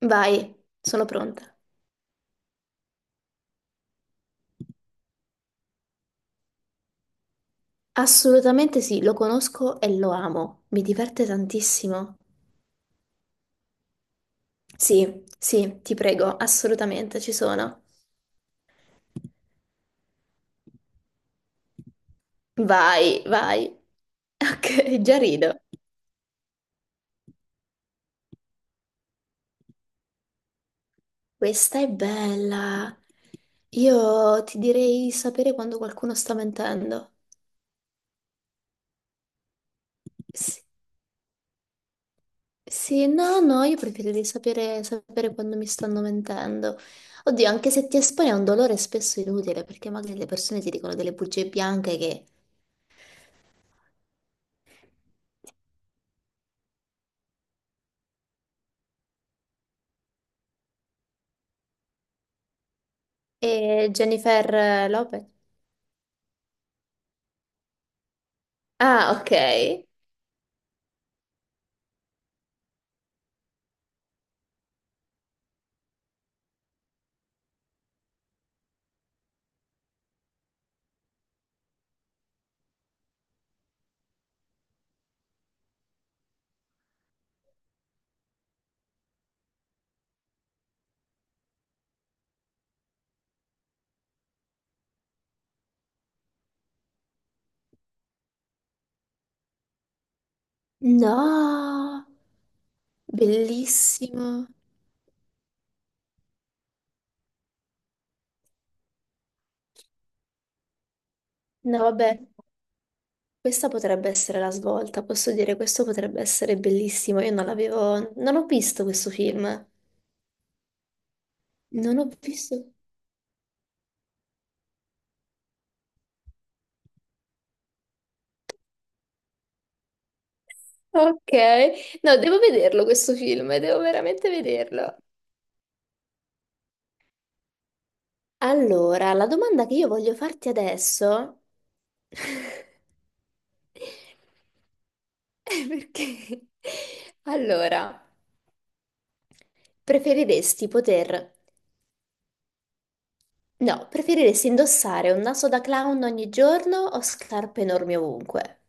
Vai, sono pronta. Assolutamente sì, lo conosco e lo amo. Mi diverte tantissimo. Sì, sì, ti prego, assolutamente ci sono. Vai, vai. Ok, già rido. Questa è bella. Io ti direi sapere quando qualcuno sta mentendo. Sì, sì, no, no, io preferirei sapere quando mi stanno mentendo. Oddio, anche se ti espone a un dolore spesso inutile, perché magari le persone ti dicono delle bugie bianche che. E Jennifer Lopez. Ah, ok. No, bellissimo. No, vabbè, questa potrebbe essere la svolta. Posso dire, questo potrebbe essere bellissimo. Io non l'avevo. Non ho visto questo film. Non ho visto. Ok. No, devo vederlo questo film, devo veramente vederlo. Allora, la domanda che io voglio farti adesso. È perché? Allora. Preferiresti poter... No, preferiresti indossare un naso da clown ogni giorno o scarpe enormi ovunque?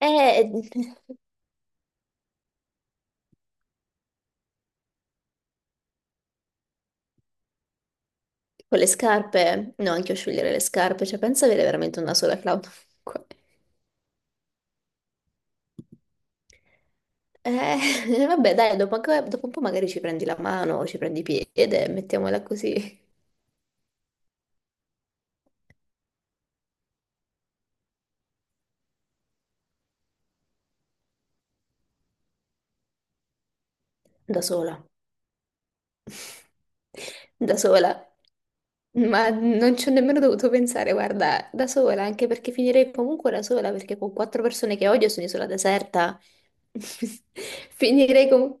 Eh, con le scarpe. No, anche io scegliere le scarpe, cioè pensa avere veramente un naso da clown ovunque. Vabbè, dai, dopo un po' magari ci prendi la mano o ci prendi i piedi, mettiamola così, da sola. Da sola. Ma non ci ho nemmeno dovuto pensare, guarda, da sola, anche perché finirei comunque da sola, perché con quattro persone che odio sono isola deserta. Finirei comunque...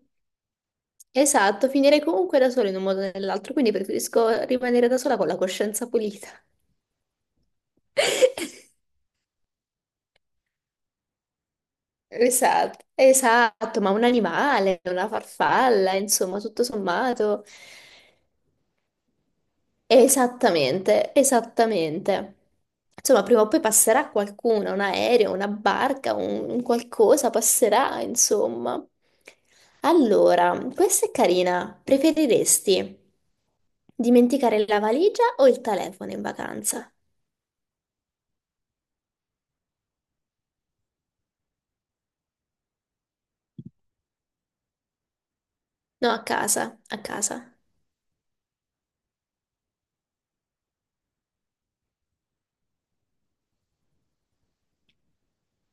Esatto, finirei comunque da sola in un modo o nell'altro, quindi preferisco rimanere da sola con la coscienza pulita. Esatto, esatto, ma un animale, una farfalla, insomma, tutto sommato. Esattamente, esattamente. Insomma, prima o poi passerà qualcuno, un aereo, una barca, un qualcosa passerà, insomma. Allora, questa è carina. Preferiresti dimenticare la valigia o il telefono in vacanza? No, a casa, a casa.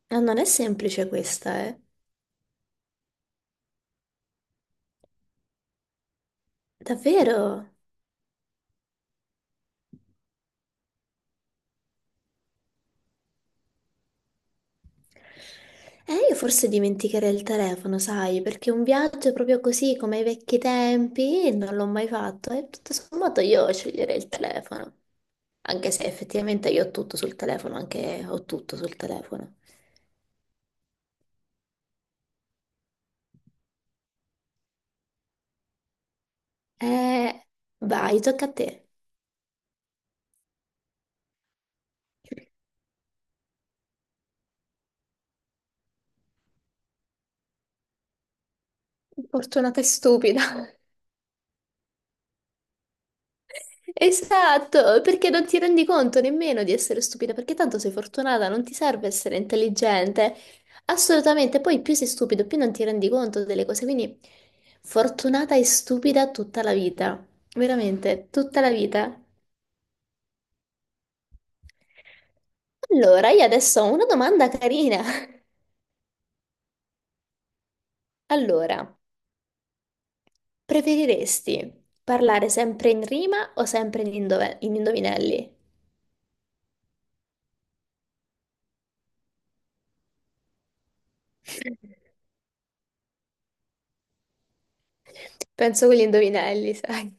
Ah, non è semplice questa, eh. Davvero? Io forse dimenticherei il telefono, sai, perché un viaggio proprio così come ai vecchi tempi non l'ho mai fatto e tutto sommato io sceglierei il telefono, anche se effettivamente io ho tutto sul telefono, anche ho tutto sul telefono. Eh, vai, tocca a te. Fortunata e stupida. Esatto, perché non ti rendi conto nemmeno di essere stupida, perché tanto sei fortunata, non ti serve essere intelligente. Assolutamente, poi più sei stupido, più non ti rendi conto delle cose, quindi fortunata e stupida tutta la vita, veramente, tutta la vita. Allora, io adesso ho una domanda carina. Allora, preferiresti parlare sempre in rima o sempre in indovinelli? Penso con gli indovinelli, sai.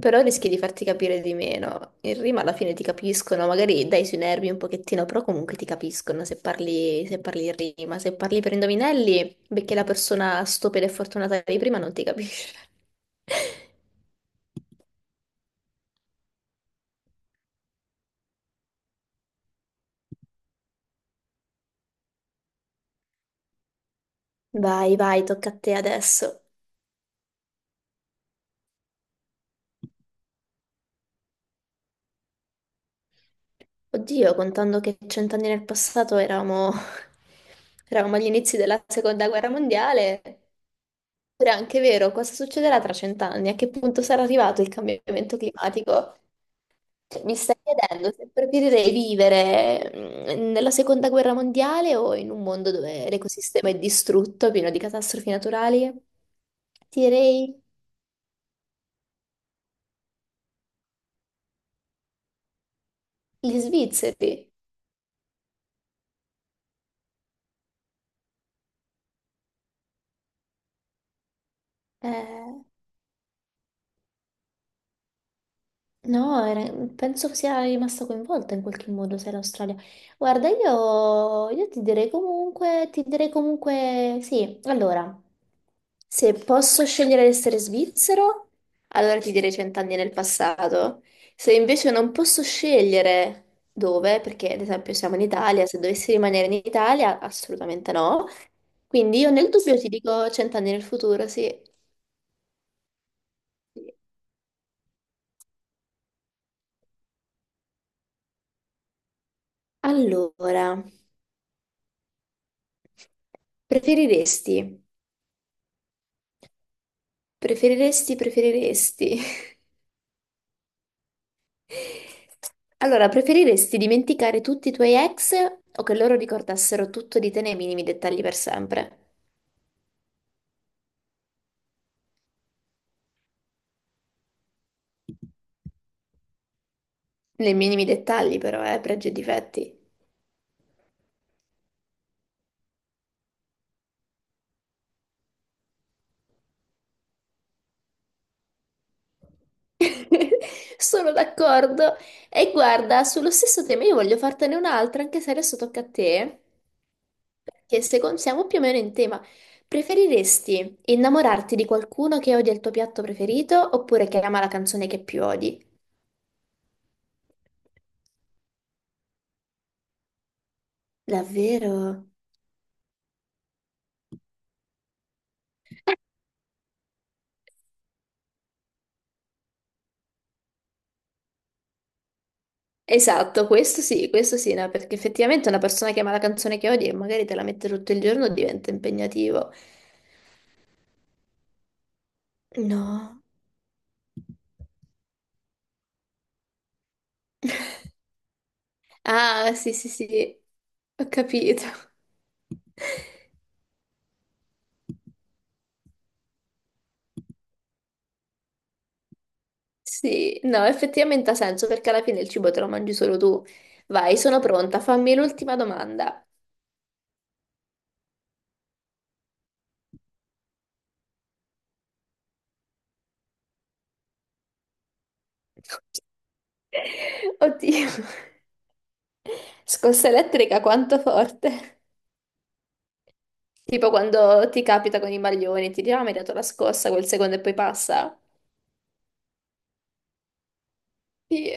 Però rischi di farti capire di meno. In rima alla fine ti capiscono, magari dai sui nervi un pochettino, però comunque ti capiscono se parli in rima. Se parli per indovinelli, perché la persona stupida e fortunata di prima non ti capisce. Vai, vai, tocca a te adesso. Oddio, contando che 100 anni nel passato eravamo, eravamo agli inizi della seconda guerra mondiale, però è anche vero, cosa succederà tra 100 anni? A che punto sarà arrivato il cambiamento climatico? Cioè, mi stai chiedendo se preferirei vivere nella seconda guerra mondiale o in un mondo dove l'ecosistema è distrutto, pieno di catastrofi naturali? Ti direi gli svizzeri. Eh, No, penso che sia rimasta coinvolta in qualche modo se è l'Australia. Guarda, io ti direi comunque sì. Allora, se posso scegliere di essere svizzero, allora ti direi 100 anni nel passato. Se invece non posso scegliere dove, perché ad esempio siamo in Italia, se dovessi rimanere in Italia, assolutamente no. Quindi io nel dubbio ti dico 100 anni nel futuro, sì. Allora, preferiresti? Preferiresti, preferiresti. Allora, preferiresti dimenticare tutti i tuoi ex o che loro ricordassero tutto di te nei minimi dettagli per sempre? Nei minimi dettagli, però, pregi e difetti. Sono d'accordo. E guarda, sullo stesso tema io voglio fartene un'altra, anche se adesso tocca a te, perché secondo siamo più o meno in tema. Preferiresti innamorarti di qualcuno che odia il tuo piatto preferito oppure che ama la canzone che più odi? Davvero? Esatto, questo sì, no, perché effettivamente una persona che ama la canzone che odia e magari te la mette tutto il giorno diventa impegnativo. No. Ah, sì, sì, sì, ho capito. Sì, no, effettivamente ha senso perché alla fine il cibo te lo mangi solo tu. Vai, sono pronta, fammi l'ultima domanda. Oddio. Scossa elettrica quanto forte? Tipo quando ti capita con i maglioni, ti dicono ah, mi hai dato la scossa quel secondo e poi passa? Sì.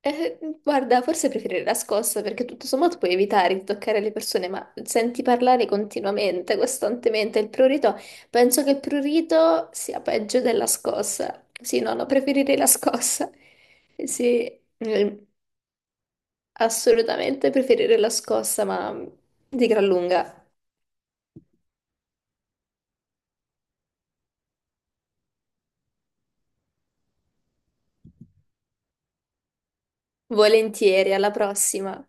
Guarda, forse preferirei la scossa perché tutto sommato puoi evitare di toccare le persone, ma senti parlare continuamente, costantemente. Il prurito, penso che il prurito sia peggio della scossa. Sì, no, no, preferirei la scossa. Sì, eh, assolutamente preferirei la scossa, ma di gran lunga. Volentieri, alla prossima.